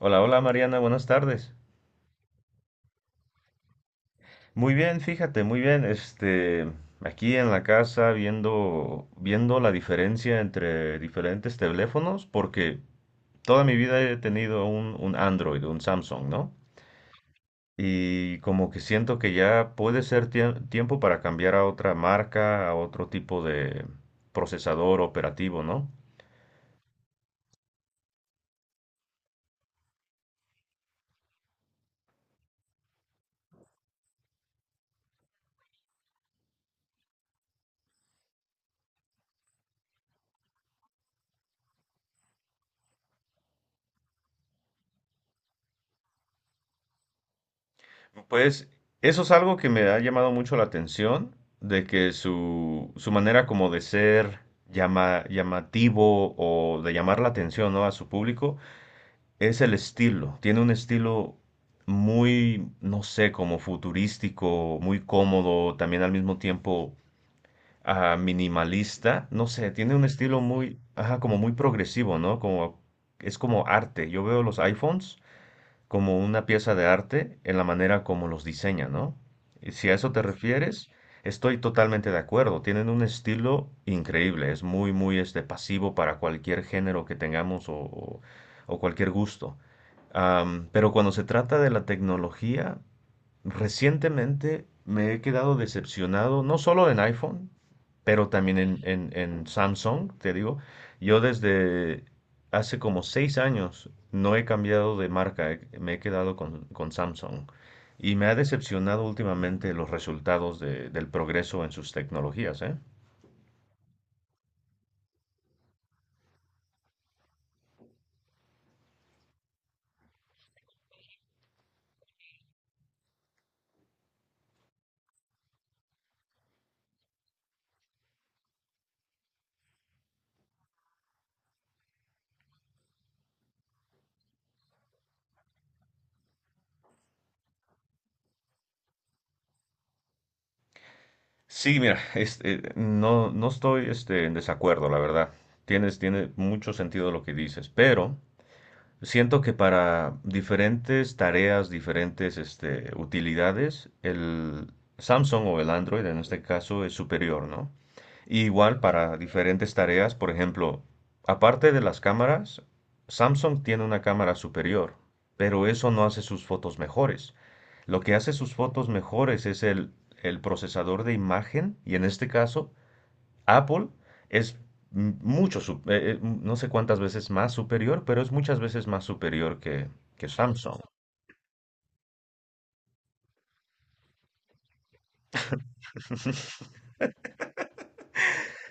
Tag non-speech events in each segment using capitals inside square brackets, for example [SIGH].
Hola, hola Mariana, buenas tardes. Muy bien, fíjate, muy bien. Aquí en la casa viendo, la diferencia entre diferentes teléfonos, porque toda mi vida he tenido un Android, un Samsung, ¿no? Y como que siento que ya puede ser tiempo para cambiar a otra marca, a otro tipo de procesador operativo, ¿no? Pues eso es algo que me ha llamado mucho la atención, de que su manera como de ser llamativo o de llamar la atención, ¿no?, a su público es el estilo. Tiene un estilo muy, no sé, como futurístico, muy cómodo, también al mismo tiempo minimalista. No sé, tiene un estilo muy, ajá, como muy progresivo, ¿no? Como, es como arte. Yo veo los iPhones como una pieza de arte en la manera como los diseña, ¿no? Y si a eso te refieres, estoy totalmente de acuerdo. Tienen un estilo increíble, es muy, muy este, pasivo para cualquier género que tengamos o cualquier gusto. Pero cuando se trata de la tecnología, recientemente me he quedado decepcionado, no solo en iPhone, pero también en Samsung, te digo. Yo desde hace como seis años no he cambiado de marca, me he quedado con Samsung. Y me ha decepcionado últimamente los resultados del progreso en sus tecnologías, ¿eh? Sí, mira, este, no estoy este, en desacuerdo, la verdad. Tiene mucho sentido lo que dices, pero siento que para diferentes tareas, diferentes este, utilidades, el Samsung o el Android en este caso es superior, ¿no? Y igual para diferentes tareas, por ejemplo, aparte de las cámaras, Samsung tiene una cámara superior, pero eso no hace sus fotos mejores. Lo que hace sus fotos mejores es el procesador de imagen y en este caso Apple es mucho, no sé cuántas veces más superior, pero es muchas veces más superior que Samsung.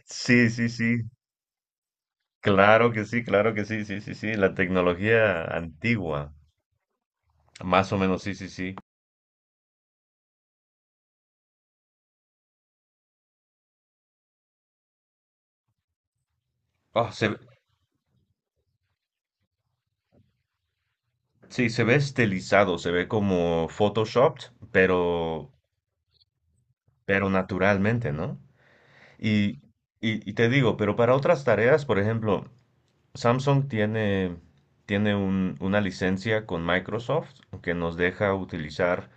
Sí, sí, sí. Claro que sí, claro que sí, sí, sí, sí. La tecnología antigua. Más o menos, sí, sí, sí. Ah, se, ve- sí, se ve estilizado, se ve como Photoshop pero, pero naturalmente, ¿no? Y, y te digo, pero para otras tareas, por ejemplo, Samsung tiene, tiene una licencia con Microsoft que nos deja utilizar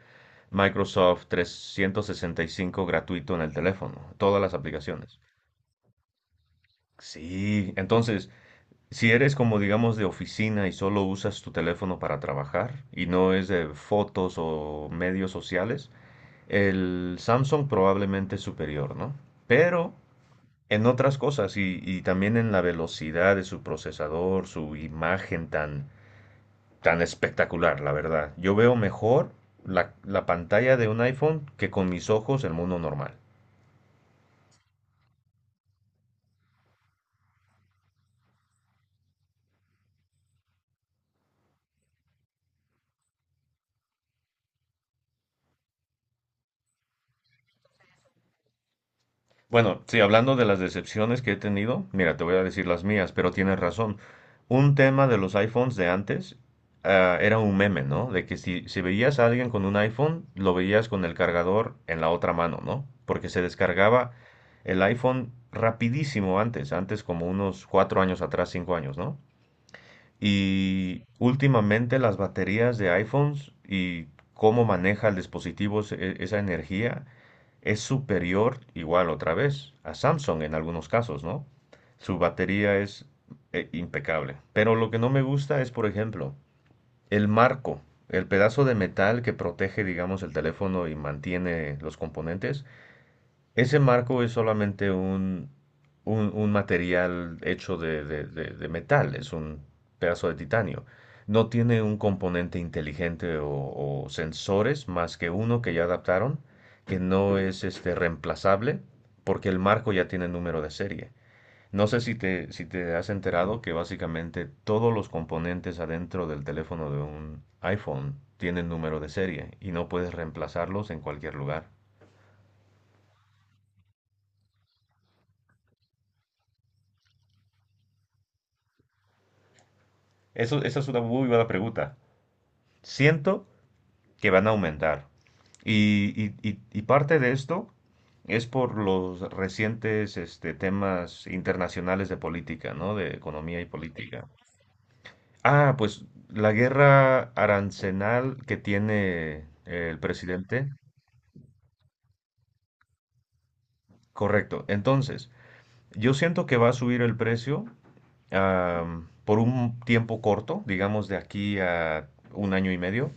Microsoft 365 gratuito en el teléfono, todas las aplicaciones. Sí, entonces, si eres como digamos de oficina y solo usas tu teléfono para trabajar y no es de fotos o medios sociales, el Samsung probablemente es superior, ¿no? Pero en otras cosas y también en la velocidad de su procesador, su imagen tan tan espectacular, la verdad. Yo veo mejor la pantalla de un iPhone que con mis ojos el mundo normal. Bueno, sí, hablando de las decepciones que he tenido, mira, te voy a decir las mías, pero tienes razón. Un tema de los iPhones de antes era un meme, ¿no? De que si, si veías a alguien con un iPhone, lo veías con el cargador en la otra mano, ¿no? Porque se descargaba el iPhone rapidísimo antes, antes como unos cuatro años atrás, cinco años, ¿no? Y últimamente las baterías de iPhones y cómo maneja el dispositivo esa energía es superior, igual otra vez, a Samsung en algunos casos, ¿no? Su batería es impecable. Pero lo que no me gusta es, por ejemplo, el marco, el pedazo de metal que protege, digamos, el teléfono y mantiene los componentes. Ese marco es solamente un material hecho de metal, es un pedazo de titanio. No tiene un componente inteligente o sensores más que uno que ya adaptaron, que no es este reemplazable, porque el marco ya tiene número de serie. No sé si te, si te has enterado que básicamente todos los componentes adentro del teléfono de un iPhone tienen número de serie y no puedes reemplazarlos en cualquier lugar. Eso, esa es una muy buena pregunta. Siento que van a aumentar. Y y parte de esto es por los recientes este, temas internacionales de política, ¿no? De economía y política. Ah, pues la guerra arancenal que tiene el presidente. Correcto. Entonces, yo siento que va a subir el precio por un tiempo corto, digamos de aquí a un año y medio,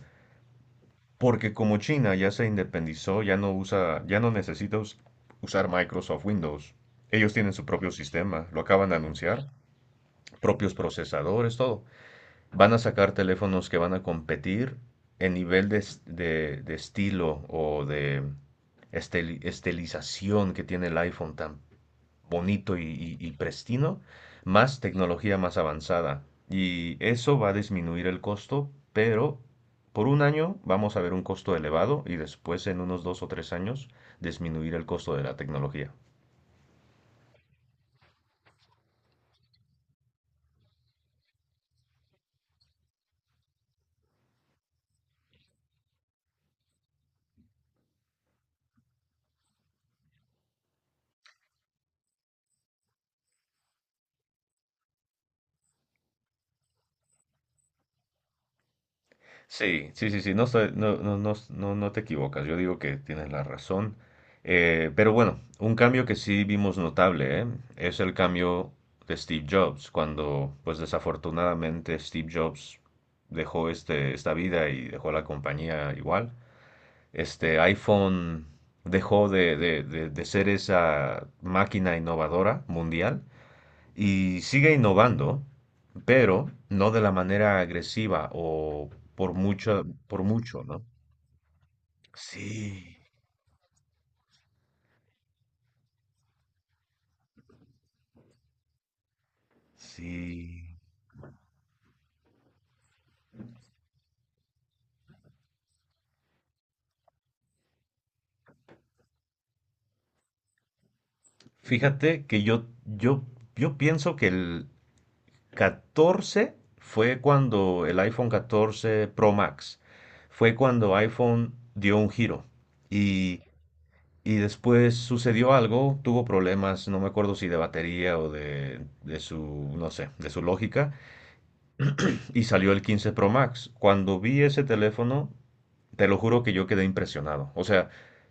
porque como China ya se independizó, ya no usa, ya no necesita usar Microsoft Windows. Ellos tienen su propio sistema, lo acaban de anunciar, propios procesadores, todo. Van a sacar teléfonos que van a competir en nivel de, de estilo o de estilización que tiene el iPhone tan bonito y pristino, más tecnología más avanzada. Y eso va a disminuir el costo, pero por un año vamos a ver un costo elevado y después en unos dos o tres años disminuir el costo de la tecnología. Sí, sí, sí, sí, no, no, no, no, no te equivocas, yo digo que tienes la razón. Pero bueno, un cambio que sí vimos notable, ¿eh? Es el cambio de Steve Jobs, cuando pues desafortunadamente Steve Jobs dejó este, esta vida y dejó la compañía igual. Este iPhone dejó de ser esa máquina innovadora mundial y sigue innovando, pero no de la manera agresiva o por mucho, ¿no? Sí, sí. Fíjate que yo pienso que el 14 fue cuando el iPhone 14 Pro Max, fue cuando iPhone dio un giro y, y después sucedió algo, tuvo problemas, no me acuerdo si de batería o de su, no sé, de su lógica y salió el 15 Pro Max. Cuando vi ese teléfono, te lo juro que yo quedé impresionado. O sea,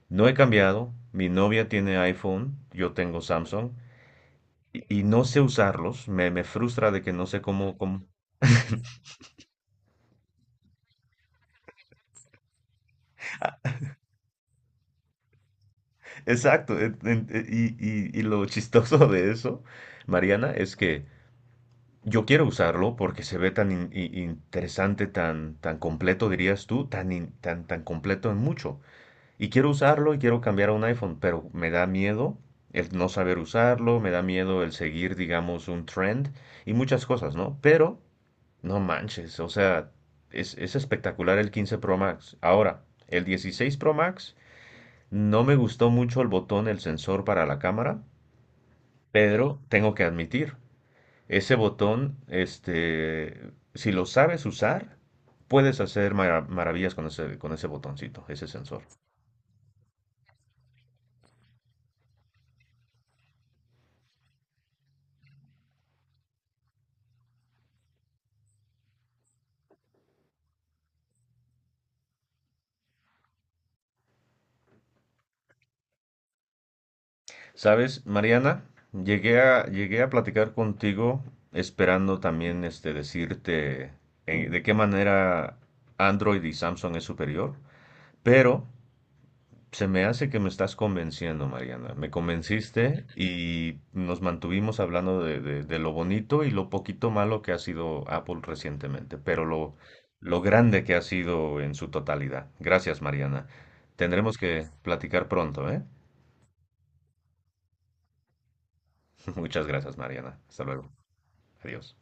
no he cambiado, mi novia tiene iPhone, yo tengo Samsung y no sé usarlos, me frustra de que no sé cómo, cómo... [LAUGHS] Exacto, y lo [LAUGHS] chistoso de eso, Mariana, es que yo quiero usarlo porque se ve tan interesante, tan, tan completo, dirías tú, tan, tan, tan completo en mucho. Y quiero usarlo y quiero cambiar a un iPhone, pero me da miedo el no saber usarlo, me da miedo el seguir, digamos, un trend y muchas cosas, ¿no? Pero, no manches, o sea, es espectacular el 15 Pro Max. Ahora, el 16 Pro Max, no me gustó mucho el botón, el sensor para la cámara, pero tengo que admitir, ese botón, este, si lo sabes usar, puedes hacer maravillas con ese botoncito, ese sensor. Sabes, Mariana, llegué a platicar contigo esperando también este, decirte de qué manera Android y Samsung es superior, pero se me hace que me estás convenciendo, Mariana. Me convenciste y nos mantuvimos hablando de lo bonito y lo poquito malo que ha sido Apple recientemente, pero lo grande que ha sido en su totalidad. Gracias, Mariana. Tendremos que platicar pronto, ¿eh? [LAUGHS] Muchas gracias, Mariana. Hasta luego. Adiós.